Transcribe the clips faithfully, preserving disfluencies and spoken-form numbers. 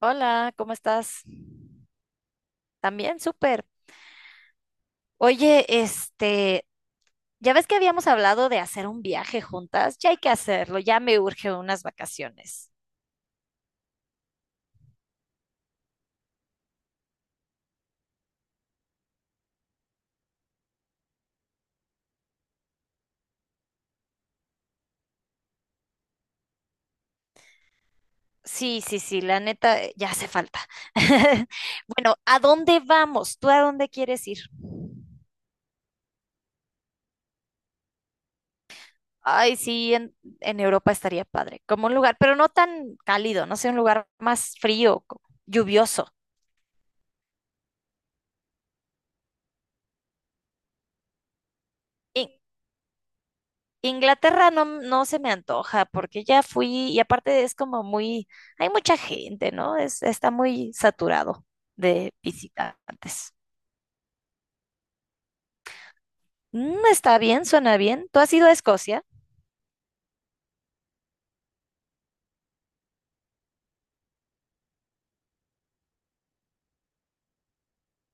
Hola, ¿cómo estás? También, súper. Oye, este, ya ves que habíamos hablado de hacer un viaje juntas, ya hay que hacerlo, ya me urge unas vacaciones. Sí, sí, sí, la neta, eh, ya hace falta. Bueno, ¿a dónde vamos? ¿Tú a dónde quieres ir? Ay, sí, en, en Europa estaría padre, como un lugar, pero no tan cálido, no sé, un lugar más frío, co- lluvioso. Inglaterra no, no se me antoja porque ya fui y aparte es como muy, hay mucha gente, ¿no? Es, está muy saturado de visitantes. Mm, está bien, suena bien. ¿Tú has ido a Escocia?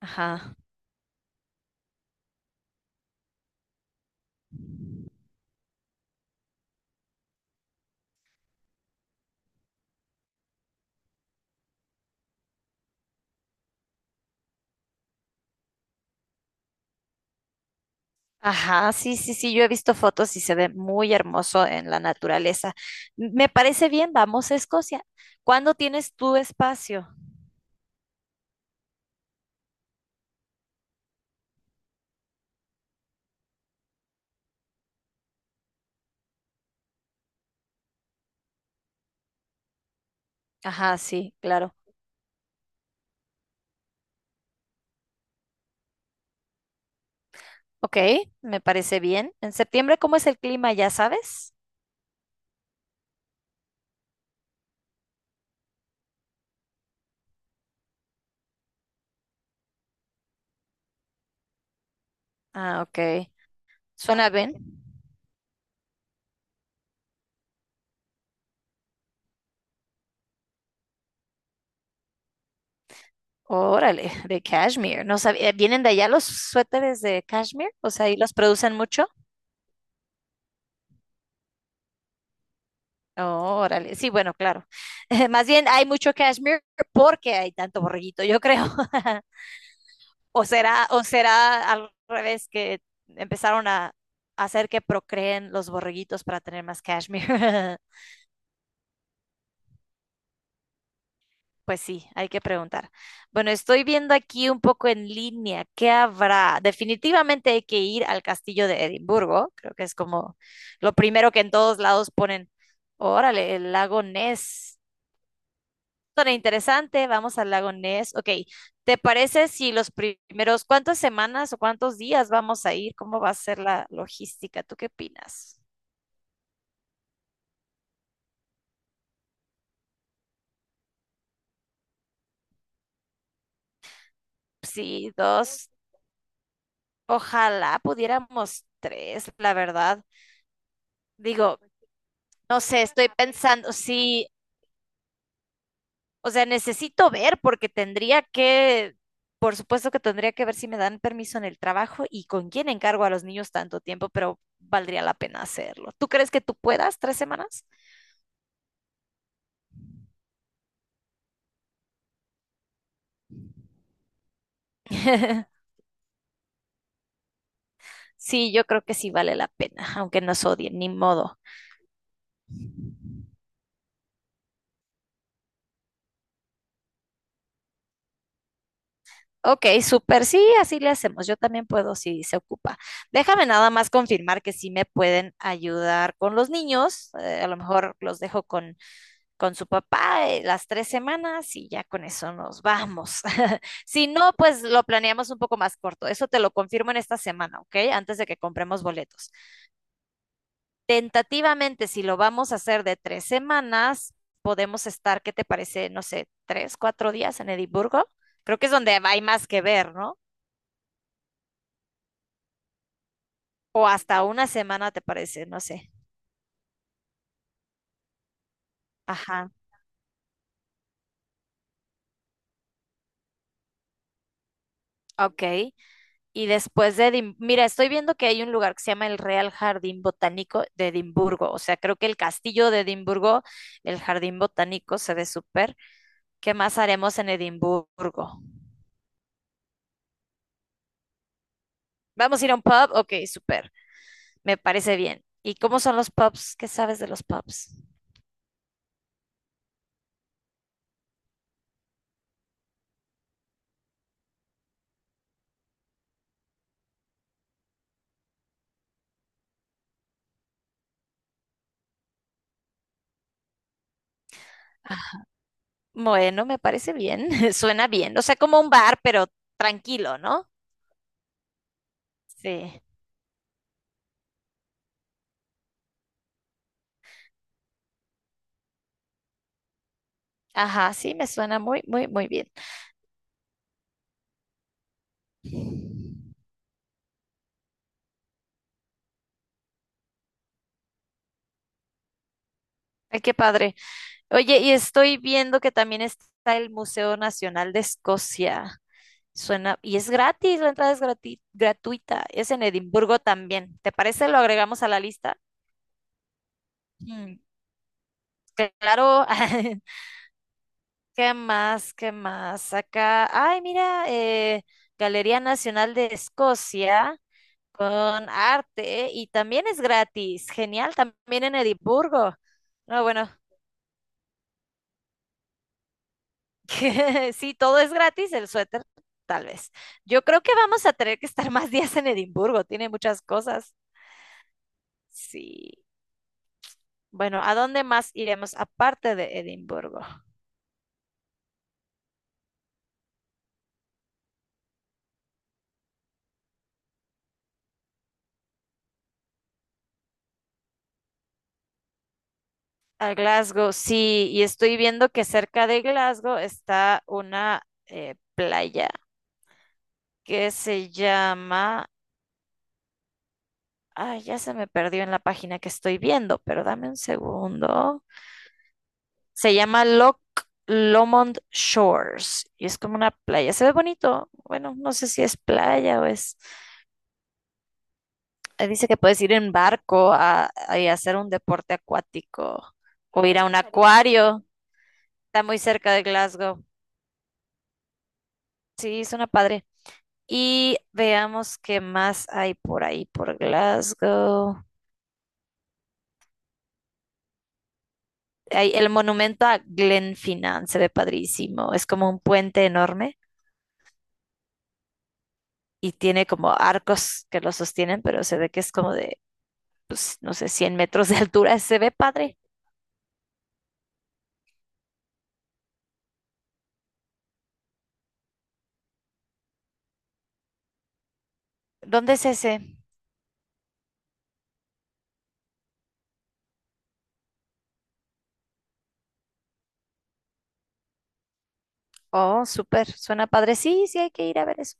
Ajá. Ajá, sí, sí, sí, yo he visto fotos y se ve muy hermoso en la naturaleza. M- Me parece bien, vamos a Escocia. ¿Cuándo tienes tu espacio? Ajá, sí, claro. Ok, me parece bien. ¿En septiembre cómo es el clima, ya sabes? Ah, ok. ¿Suena bien? Órale, de cashmere. No sabía, eh, ¿vienen de allá los suéteres de cashmere? O sea, ahí los producen mucho. Órale, sí, bueno, claro. Más bien hay mucho cashmere porque hay tanto borreguito, yo creo. O será, o será al revés que empezaron a hacer que procreen los borreguitos para tener más cashmere. Pues sí, hay que preguntar. Bueno, estoy viendo aquí un poco en línea. ¿Qué habrá? Definitivamente hay que ir al castillo de Edimburgo. Creo que es como lo primero que en todos lados ponen. Órale, el lago Ness. Suena interesante. Vamos al lago Ness. Ok, ¿te parece si los primeros, cuántas semanas o cuántos días vamos a ir? ¿Cómo va a ser la logística? ¿Tú qué opinas? Sí, dos. Ojalá pudiéramos tres, la verdad. Digo, no sé, estoy pensando, sí, o sea, necesito ver porque tendría que, por supuesto que tendría que ver si me dan permiso en el trabajo y con quién encargo a los niños tanto tiempo, pero valdría la pena hacerlo. ¿Tú crees que tú puedas tres semanas? Sí, yo creo que sí vale la pena, aunque nos odien, ni modo. Ok, súper, sí, así le hacemos. Yo también puedo si se ocupa. Déjame nada más confirmar que sí me pueden ayudar con los niños. Eh, a lo mejor los dejo con con su papá eh, las tres semanas y ya con eso nos vamos. Si no, pues lo planeamos un poco más corto. Eso te lo confirmo en esta semana, ¿ok? Antes de que compremos boletos. Tentativamente, si lo vamos a hacer de tres semanas, podemos estar, ¿qué te parece? No sé, tres, cuatro días en Edimburgo. Creo que es donde hay más que ver, ¿no? O hasta una semana, ¿te parece? No sé. Ajá. Ok. Y después de Edim- mira, estoy viendo que hay un lugar que se llama el Real Jardín Botánico de Edimburgo. O sea, creo que el castillo de Edimburgo, el Jardín Botánico, se ve súper. ¿Qué más haremos en Edimburgo? ¿Vamos a ir a un pub? Ok, súper. Me parece bien. ¿Y cómo son los pubs? ¿Qué sabes de los pubs? Bueno, me parece bien. Suena bien. O sea, como un bar, pero tranquilo, ¿no? Sí. Ajá, sí, me suena muy, muy, muy bien. Ay, qué padre. Oye, y estoy viendo que también está el Museo Nacional de Escocia. Suena, y es gratis, la entrada es grati- gratuita. Es en Edimburgo también. ¿Te parece? Lo agregamos a la lista. Mm, claro. ¿Qué más? ¿Qué más? Acá, ay, mira, eh, Galería Nacional de Escocia con arte y también es gratis. Genial, también en Edimburgo. No, bueno, sí, todo es gratis, el suéter tal vez. Yo creo que vamos a tener que estar más días en Edimburgo, tiene muchas cosas. Sí. Bueno, ¿a dónde más iremos aparte de Edimburgo? A Glasgow, sí, y estoy viendo que cerca de Glasgow está una eh, playa que se llama... Ay, ya se me perdió en la página que estoy viendo, pero dame un segundo. Se llama Loch Lomond Shores y es como una playa. Se ve bonito. Bueno, no sé si es playa o es. eh, Dice que puedes ir en barco a, a- y hacer un deporte acuático o ir a un acuario. Está muy cerca de Glasgow. Sí, suena padre. Y veamos qué más hay por ahí, por Glasgow. Hay el monumento a Glenfinnan, se ve padrísimo. Es como un puente enorme y tiene como arcos que lo sostienen, pero se ve que es como de pues, no sé, cien metros de altura. Se ve padre. ¿Dónde es ese? Oh, súper, suena padre. Sí, sí, hay que ir a ver eso.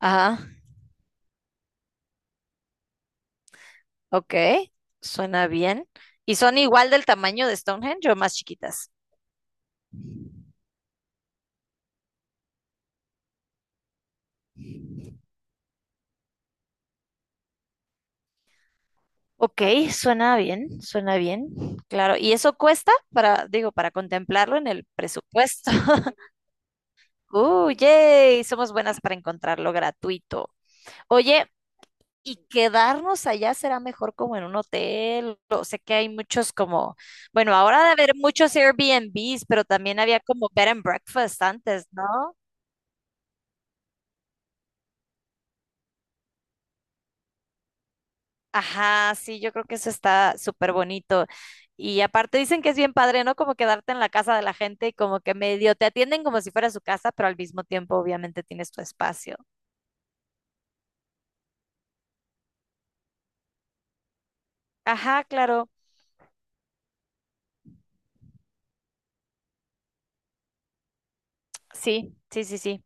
Ajá. Ok, suena bien. ¿Y son igual del tamaño de Stonehenge o más chiquitas? Ok, suena bien, suena bien. Claro, ¿y eso cuesta para, digo, para contemplarlo en el presupuesto? ¡Uh, yay! Somos buenas para encontrarlo gratuito. Oye, y quedarnos allá será mejor como en un hotel. O sé que hay muchos como, bueno, ahora de haber muchos Airbnbs, pero también había como bed and breakfast antes, ¿no? Ajá, sí, yo creo que eso está súper bonito. Y aparte dicen que es bien padre, ¿no? Como quedarte en la casa de la gente y como que medio te atienden como si fuera su casa, pero al mismo tiempo obviamente tienes tu espacio. Ajá, claro. Sí, sí, sí, sí.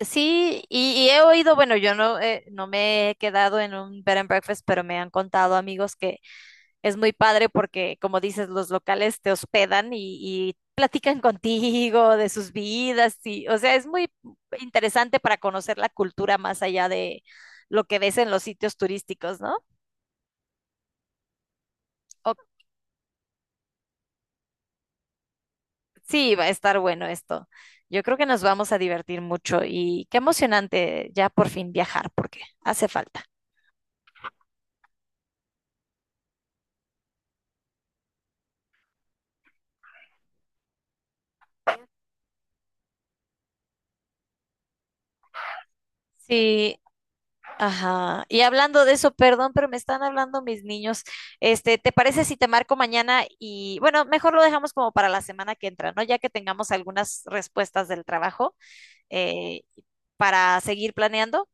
Sí, y, y he oído, bueno, yo no, eh, no me he quedado en un bed and breakfast, pero me han contado amigos que es muy padre porque, como dices, los locales te hospedan y, y platican contigo de sus vidas y, o sea, es muy interesante para conocer la cultura más allá de lo que ves en los sitios turísticos, ¿no? O- sí, va a estar bueno esto. Yo creo que nos vamos a divertir mucho y qué emocionante ya por fin viajar porque hace falta. Sí, ajá. Y hablando de eso, perdón, pero me están hablando mis niños. Este, ¿te parece si te marco mañana? Y bueno, mejor lo dejamos como para la semana que entra, ¿no? Ya que tengamos algunas respuestas del trabajo eh, para seguir planeando.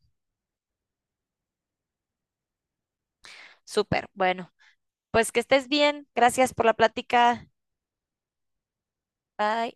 Súper. Bueno, pues que estés bien. Gracias por la plática. Bye.